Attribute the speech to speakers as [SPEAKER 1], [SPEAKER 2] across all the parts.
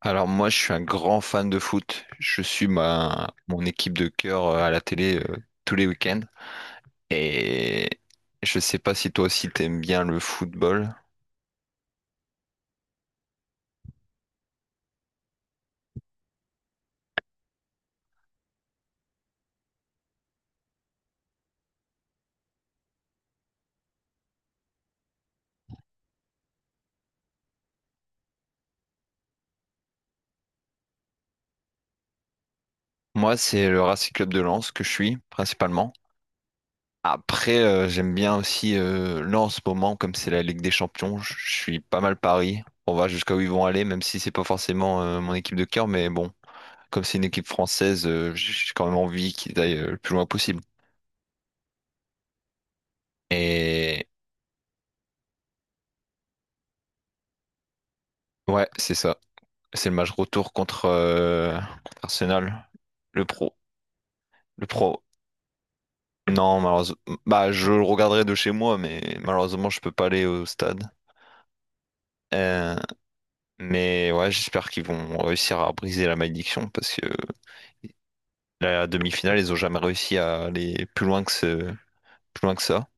[SPEAKER 1] Alors moi, je suis un grand fan de foot. Je suis ma mon équipe de cœur à la télé tous les week-ends. Et je sais pas si toi aussi t'aimes bien le football. Moi, c'est le Racing Club de Lens que je suis principalement. Après, j'aime bien aussi, là en ce moment, comme c'est la Ligue des Champions, je suis pas mal Paris. On va jusqu'à où ils vont aller, même si c'est pas forcément mon équipe de cœur, mais bon, comme c'est une équipe française, j'ai quand même envie qu'ils aillent le plus loin possible. Et ouais, c'est ça. C'est le match retour contre, contre Arsenal, le pro, le pro. Non, malheureusement, bah je le regarderai de chez moi, mais malheureusement, je peux pas aller au stade. Euh, mais ouais, j'espère qu'ils vont réussir à briser la malédiction parce que la demi-finale, ils ont jamais réussi à aller plus loin que ça.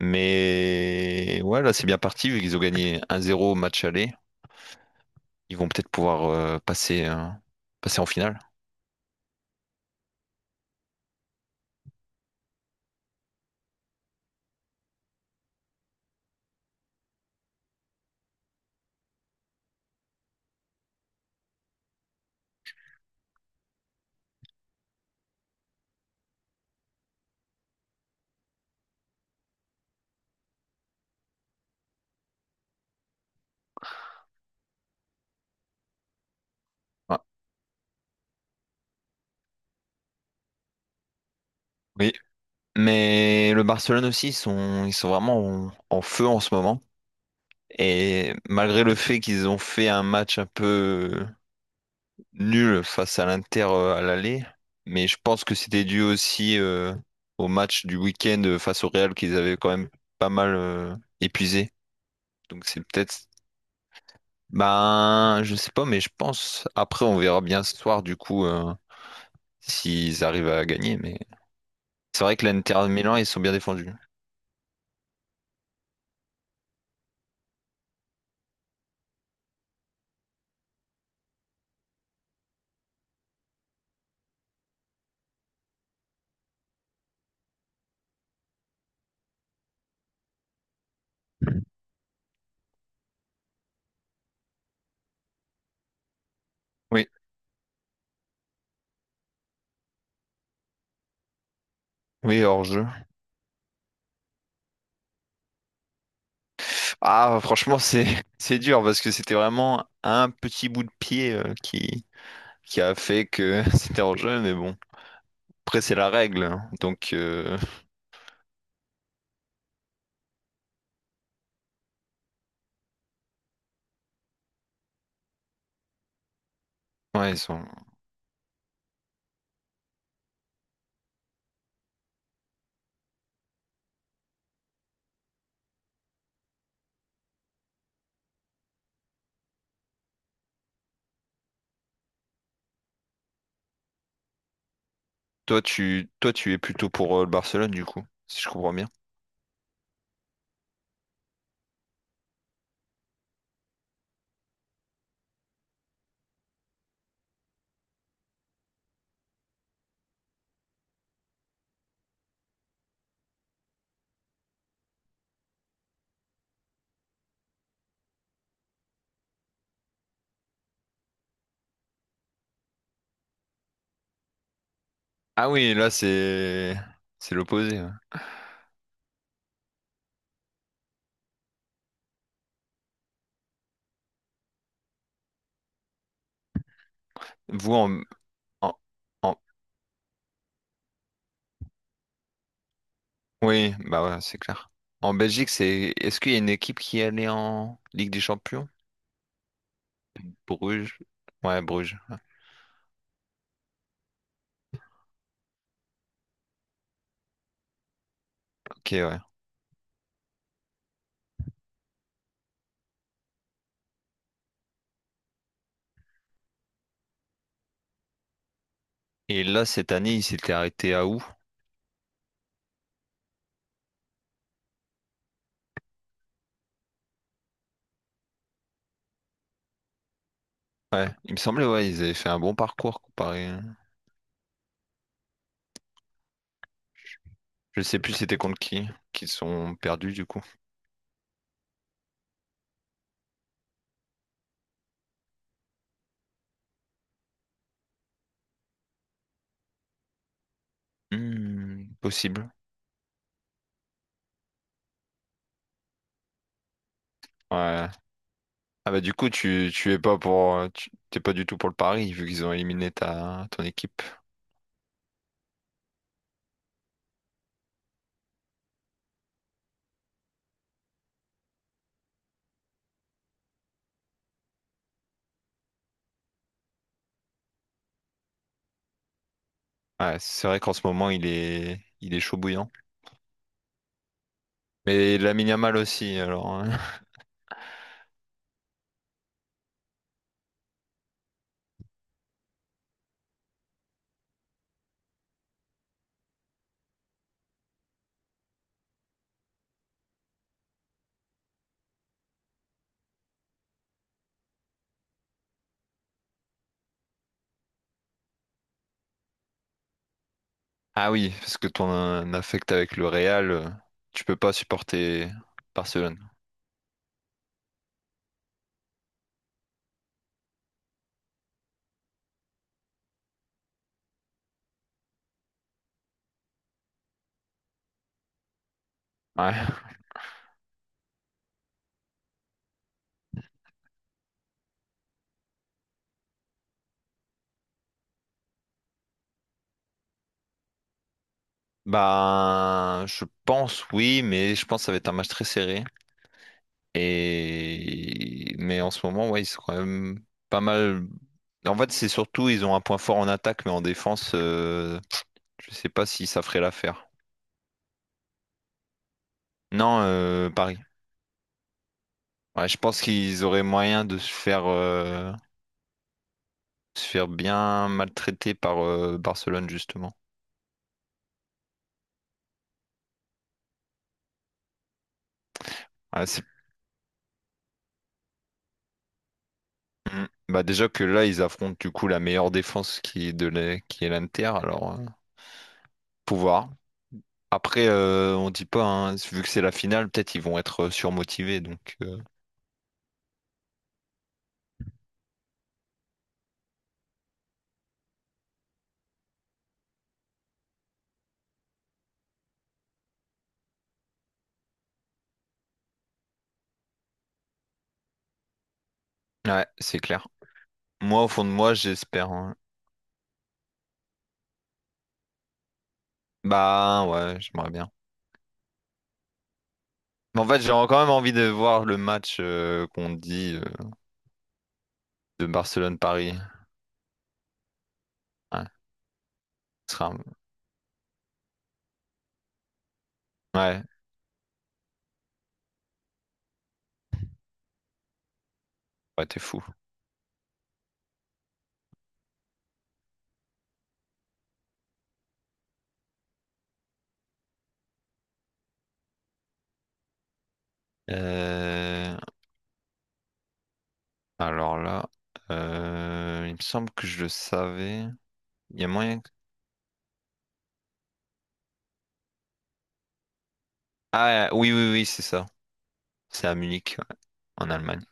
[SPEAKER 1] Mais ouais, là, c'est bien parti, vu qu'ils ont gagné un zéro au match aller. Ils vont peut-être pouvoir passer en finale. Ah, oui. Mais le Barcelone aussi, ils sont vraiment en feu en ce moment. Et malgré le fait qu'ils ont fait un match un peu nul face à l'Inter à l'aller, mais je pense que c'était dû aussi au match du week-end face au Real qu'ils avaient quand même pas mal épuisé. Donc c'est peut-être... Ben, je sais pas, mais je pense... Après, on verra bien ce soir, du coup, s'ils arrivent à gagner. Mais c'est vrai que l'Inter Milan, ils sont bien défendus. Oui, oui, hors-jeu. Ah, franchement, c'est c'est dur parce que c'était vraiment un petit bout de pied euh, qui a fait que c'était en jeu, mais bon. Après, c'est la règle, hein. Donc, ouais, toi, tu es plutôt pour le Barcelone, du coup, si je comprends bien. Ah oui, là, c'est l'opposé, ouais. Vous en... en en- Oui, bah ouais, c'est clair. En Belgique, c'est est-ce qu'il y a une équipe qui allait en Ligue des Champions? Bruges. Ouais, Bruges. Ok, ouais. Et là, cette année, il s'était arrêté à où? Ouais, il me semblait, ouais, ils avaient fait un bon parcours comparé, hein. Je sais plus c'était contre qui sont perdus du coup. Hmm, possible. Ouais. Ah bah du coup, tu es pas pour, t'es pas du tout pour le pari vu qu'ils ont éliminé ton équipe. Ouais, c'est vrai qu'en ce moment, il est chaud bouillant. Mais Lamine Yamal aussi, alors, hein. Ah oui, parce que ton affect avec le Real, tu peux pas supporter Barcelone. Ouais. Bah, je pense oui, mais je pense que ça va être un match très serré. Et mais en ce moment, ouais, ils sont quand même pas mal. En fait, c'est surtout ils ont un point fort en attaque, mais en défense, je sais pas si ça ferait l'affaire. Non, Paris. Ouais, je pense qu'ils auraient moyen de se faire bien maltraiter par Barcelone justement. Ouais. Mm. Bah déjà que là, ils affrontent du coup la meilleure défense qui est l'Inter, alors pouvoir. Après, on dit pas, hein, vu que c'est la finale, peut-être ils vont être surmotivés, donc ouais, c'est clair. Moi, au fond de moi, j'espère, hein. Bah ouais, j'aimerais bien. Mais en fait, j'ai quand même envie de voir le match qu'on dit de Barcelone-Paris. Ouais, ce sera un- ouais, ouais, t'es fou. Euh, Alors là, il me semble que je le savais. Il y a moyen. Ah oui, oui, oui, c'est ça. C'est à Munich, ouais, en Allemagne.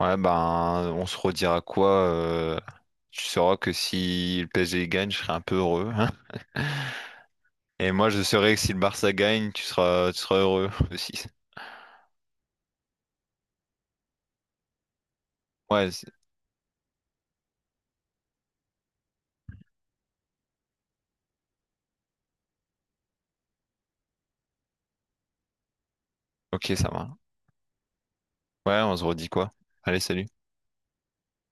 [SPEAKER 1] Ouais, ben, on se redira quoi? Tu sauras que si le PSG gagne, je serai un peu heureux, hein. Et moi, je saurai que si le Barça gagne, tu seras heureux aussi. Ouais, c'est- ok, ça va. Ouais, on se redit quoi? Allez, salut.